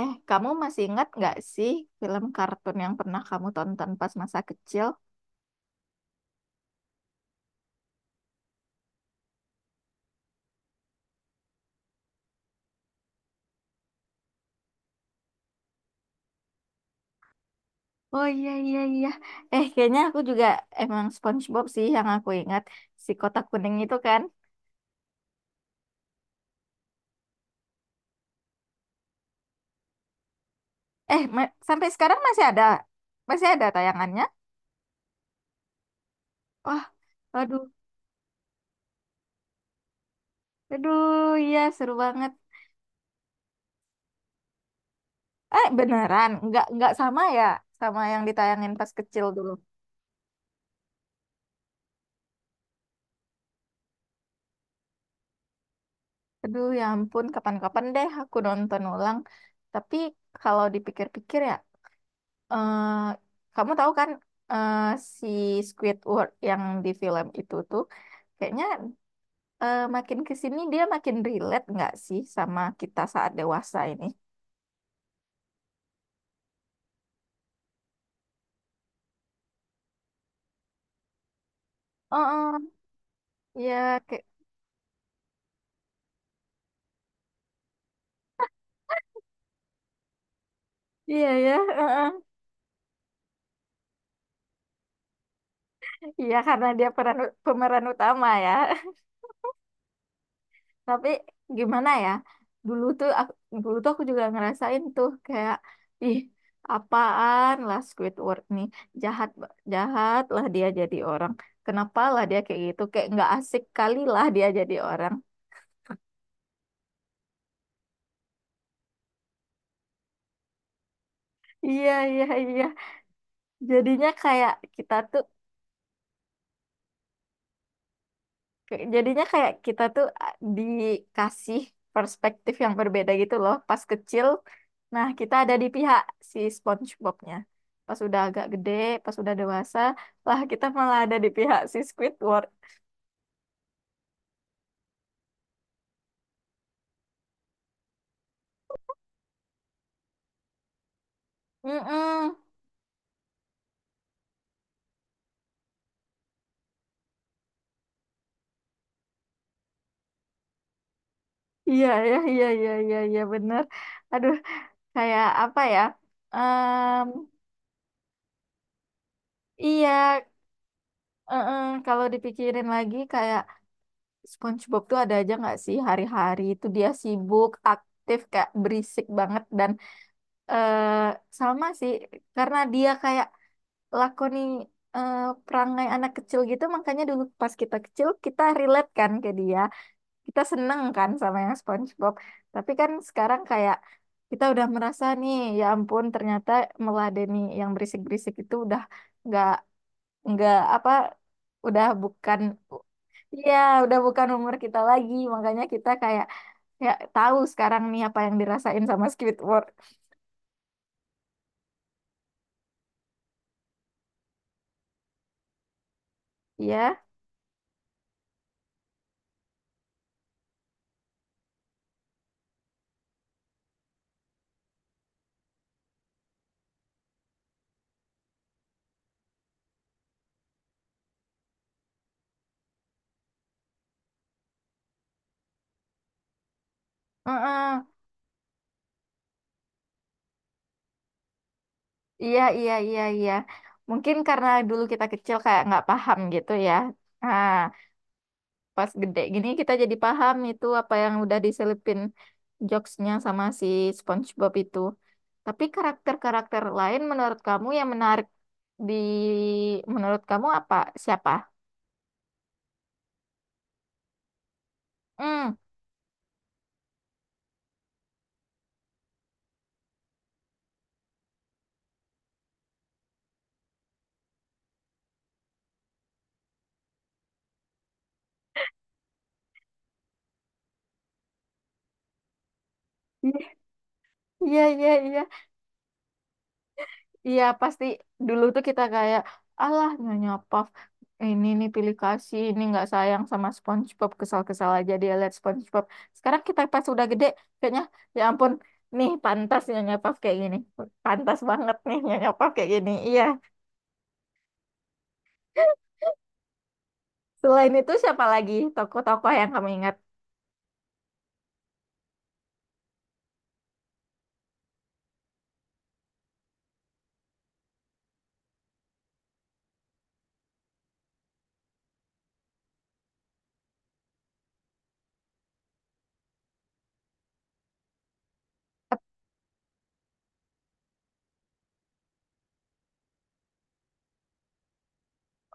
Eh, kamu masih ingat nggak sih film kartun yang pernah kamu tonton pas masa kecil? Oh iya iya iya. Eh, kayaknya aku juga emang SpongeBob sih yang aku ingat, si kotak kuning itu kan. Eh, sampai sekarang masih ada tayangannya. Wah, aduh, aduh, iya seru banget. Eh, beneran? Nggak sama ya, sama yang ditayangin pas kecil dulu. Aduh, ya ampun, kapan-kapan deh aku nonton ulang. Tapi kalau dipikir-pikir ya, eh kamu tahu kan, eh, si Squidward yang di film itu tuh kayaknya, makin ke sini dia makin relate nggak sih sama kita saat dewasa ini? Oh, oh, ya, kayak- iya ya, eh, eh. Iya, karena dia pemeran utama ya. Tapi gimana ya, dulu tuh aku, dulu tuh aku juga ngerasain tuh kayak, ih, apaan lah Squidward nih, jahat jahat lah dia jadi orang, kenapa lah dia kayak gitu, kayak nggak asik kali lah dia jadi orang. Iya, iya, iya. jadinya kayak kita tuh Jadinya kayak kita tuh, ah, dikasih perspektif yang berbeda gitu loh. Pas kecil, nah kita ada di pihak si SpongeBob-nya. Pas udah agak gede, pas udah dewasa, lah kita malah ada di pihak si Squidward. Mm-mm. Iya, iya, iya, iya, iya, iya, bener. Aduh, kayak apa ya? Em, iya, kalau dipikirin lagi kayak SpongeBob tuh ada aja nggak sih, hari-hari itu dia sibuk, aktif, kayak berisik banget, dan eh sama sih, karena dia kayak lakoni, eh, perangai anak kecil gitu, makanya dulu pas kita kecil kita relate kan ke dia, kita seneng kan sama yang SpongeBob. Tapi kan sekarang kayak kita udah merasa nih, ya ampun, ternyata meladeni yang berisik-berisik itu udah nggak nggak apa, udah bukan. Iya, udah bukan umur kita lagi, makanya kita kayak ya tahu sekarang nih apa yang dirasain sama Squidward. Iya, heeh. Iya, iya, iya, iya. Mungkin karena dulu kita kecil kayak nggak paham gitu ya. Nah, pas gede gini kita jadi paham itu apa yang udah diselipin jokesnya sama si SpongeBob itu. Tapi karakter-karakter lain menurut kamu yang menarik, di menurut kamu apa? Siapa? Hmm, iya, iya, iya, iya. Iya pasti, dulu tuh kita kayak, alah Nyonya Puff ini nih pilih kasih, ini nggak sayang sama SpongeBob, kesal-kesal aja dia lihat SpongeBob. Sekarang kita pas udah gede, kayaknya, ya ampun, nih pantas Nyonya Puff kayak gini, pantas banget nih Nyonya Puff kayak gini, iya. Selain itu siapa lagi tokoh-tokoh yang kamu ingat?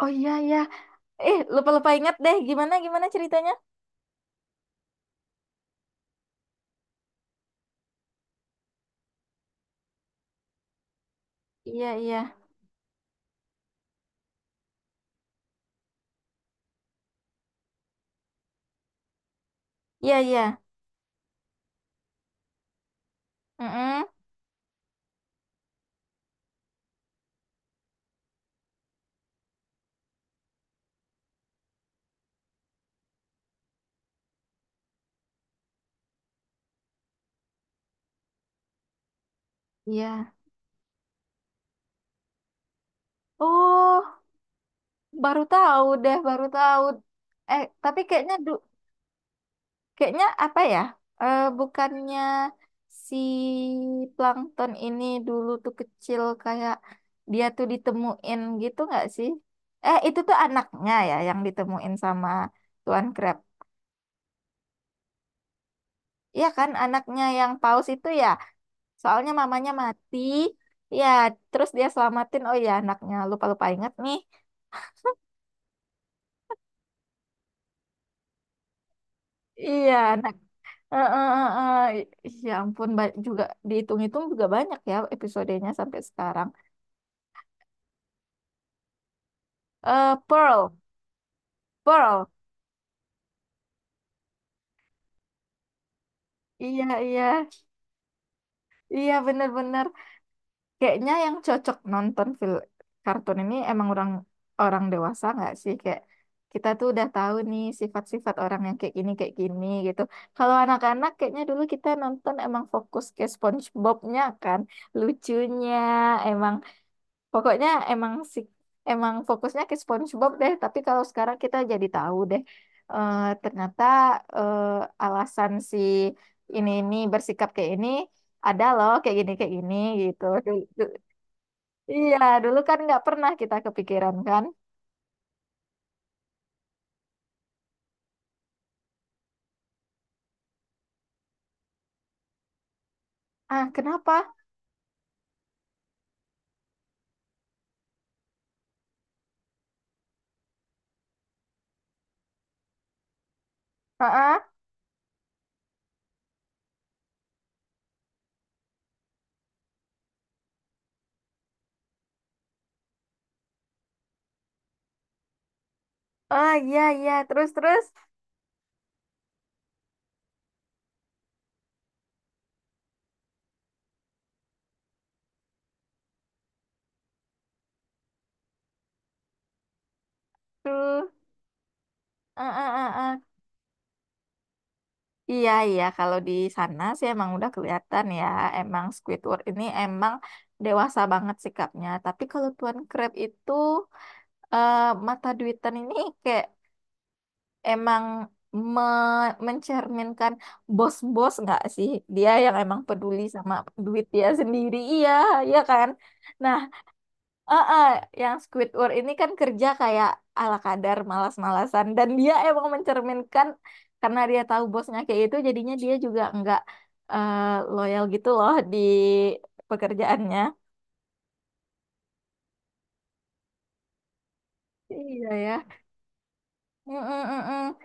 Oh iya iya, lupa-lupa ingat deh, gimana gimana ceritanya. Iya, iya, iya, iya. Mm-mm. Iya. Oh. Baru tahu deh, baru tahu. Eh, tapi kayaknya apa ya? Eh, bukannya si plankton ini dulu tuh kecil, kayak dia tuh ditemuin gitu nggak sih? Eh, itu tuh anaknya ya, yang ditemuin sama Tuan Crab. Iya kan, anaknya yang paus itu ya. Soalnya mamanya mati. Ya, terus dia selamatin. Oh iya, anaknya. Lupa-lupa ingat nih. Iya, anak. Eh, eh, eh, eh. Ya ampun, juga dihitung-hitung juga banyak ya episodenya sampai sekarang. Eh, Pearl, Pearl. Iya, iya. Iya, bener-bener. Kayaknya yang cocok nonton film kartun ini emang orang orang dewasa nggak sih? Kayak kita tuh udah tahu nih sifat-sifat orang yang kayak gini gitu. Kalau anak-anak kayaknya dulu kita nonton emang fokus ke SpongeBob-nya kan. Lucunya, emang, pokoknya emang si, emang fokusnya ke SpongeBob deh, tapi kalau sekarang kita jadi tahu deh, ternyata, alasan si ini bersikap kayak ini, ada loh, kayak gini gitu. Iya, dulu kan nggak pernah kita kepikiran kan. Ah, kenapa? Ah, ah, ah, iya iya terus terus. Tuh. Ah, ah, ah, ah. Iya, iya. Kalau di sana sih emang udah kelihatan ya. Emang Squidward ini emang dewasa banget sikapnya. Tapi kalau Tuan Crab itu, eh, mata duitan ini, kayak, emang mencerminkan bos-bos nggak sih? Dia yang emang peduli sama duit dia sendiri. Iya, iya kan? Nah. Ah, ah, yang Squidward ini kan kerja kayak ala kadar malas-malasan, dan dia emang mencerminkan, karena dia tahu bosnya kayak itu jadinya dia juga nggak eh, loyal gitu loh di pekerjaannya. Iya ya. Mm-mm-mm.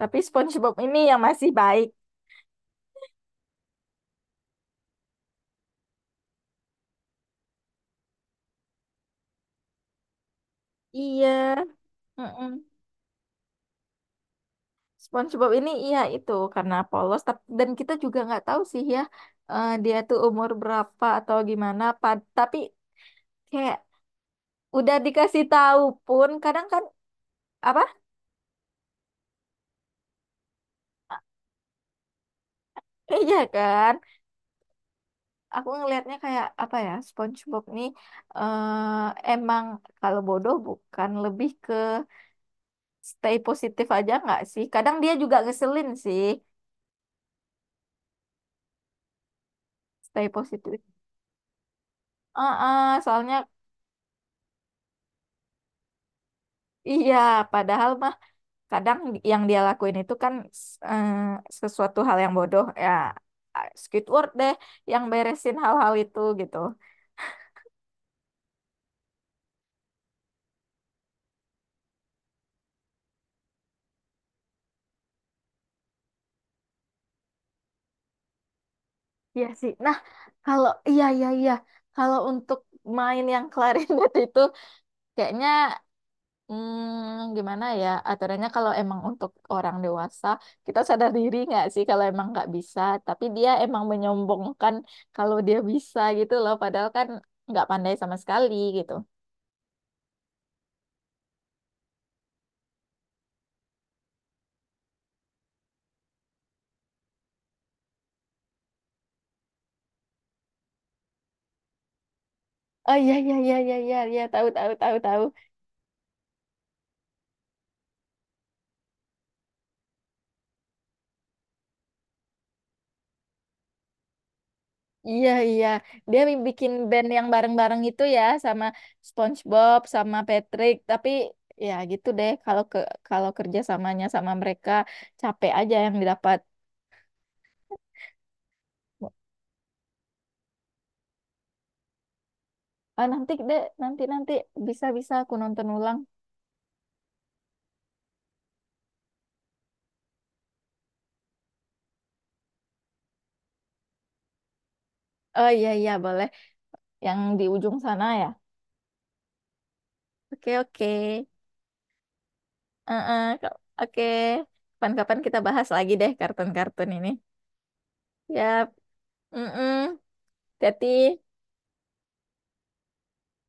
Tapi SpongeBob ini yang masih baik. Iya. Mm-mm. SpongeBob ini, iya, itu karena polos, dan kita juga nggak tahu sih ya, dia tuh umur berapa atau gimana. Tapi kayak udah dikasih tahu pun kadang kan, apa. Iya kan, aku ngelihatnya kayak apa ya, SpongeBob nih, emang kalau bodoh bukan, lebih ke stay positif aja nggak sih, kadang dia juga ngeselin sih, stay positif. Soalnya iya, padahal mah kadang yang dia lakuin itu kan, s- eh, sesuatu hal yang bodoh ya, Squidward deh yang beresin hal-hal itu gitu. Iya sih. Nah, kalau, iya iya iya, kalau untuk main yang klarinet itu kayaknya, gimana ya aturannya, kalau emang untuk orang dewasa kita sadar diri nggak sih kalau emang nggak bisa, tapi dia emang menyombongkan kalau dia bisa gitu loh, padahal kan nggak pandai sama sekali gitu. Oh iya iya iya iya iya iya tahu tahu tahu tahu. Iya, iya. Dia bikin band yang bareng-bareng itu ya sama SpongeBob sama Patrick, tapi ya gitu deh, kalau kerja samanya sama mereka capek aja yang didapat. Ah, nanti deh, nanti nanti bisa bisa aku nonton ulang. Oh iya iya, boleh, yang di ujung sana ya. Oke oke. Oke. Kapan-kapan kita bahas lagi deh kartun-kartun ini. Yap. Mm-mm. Hati-hati.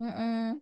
Mm-mm.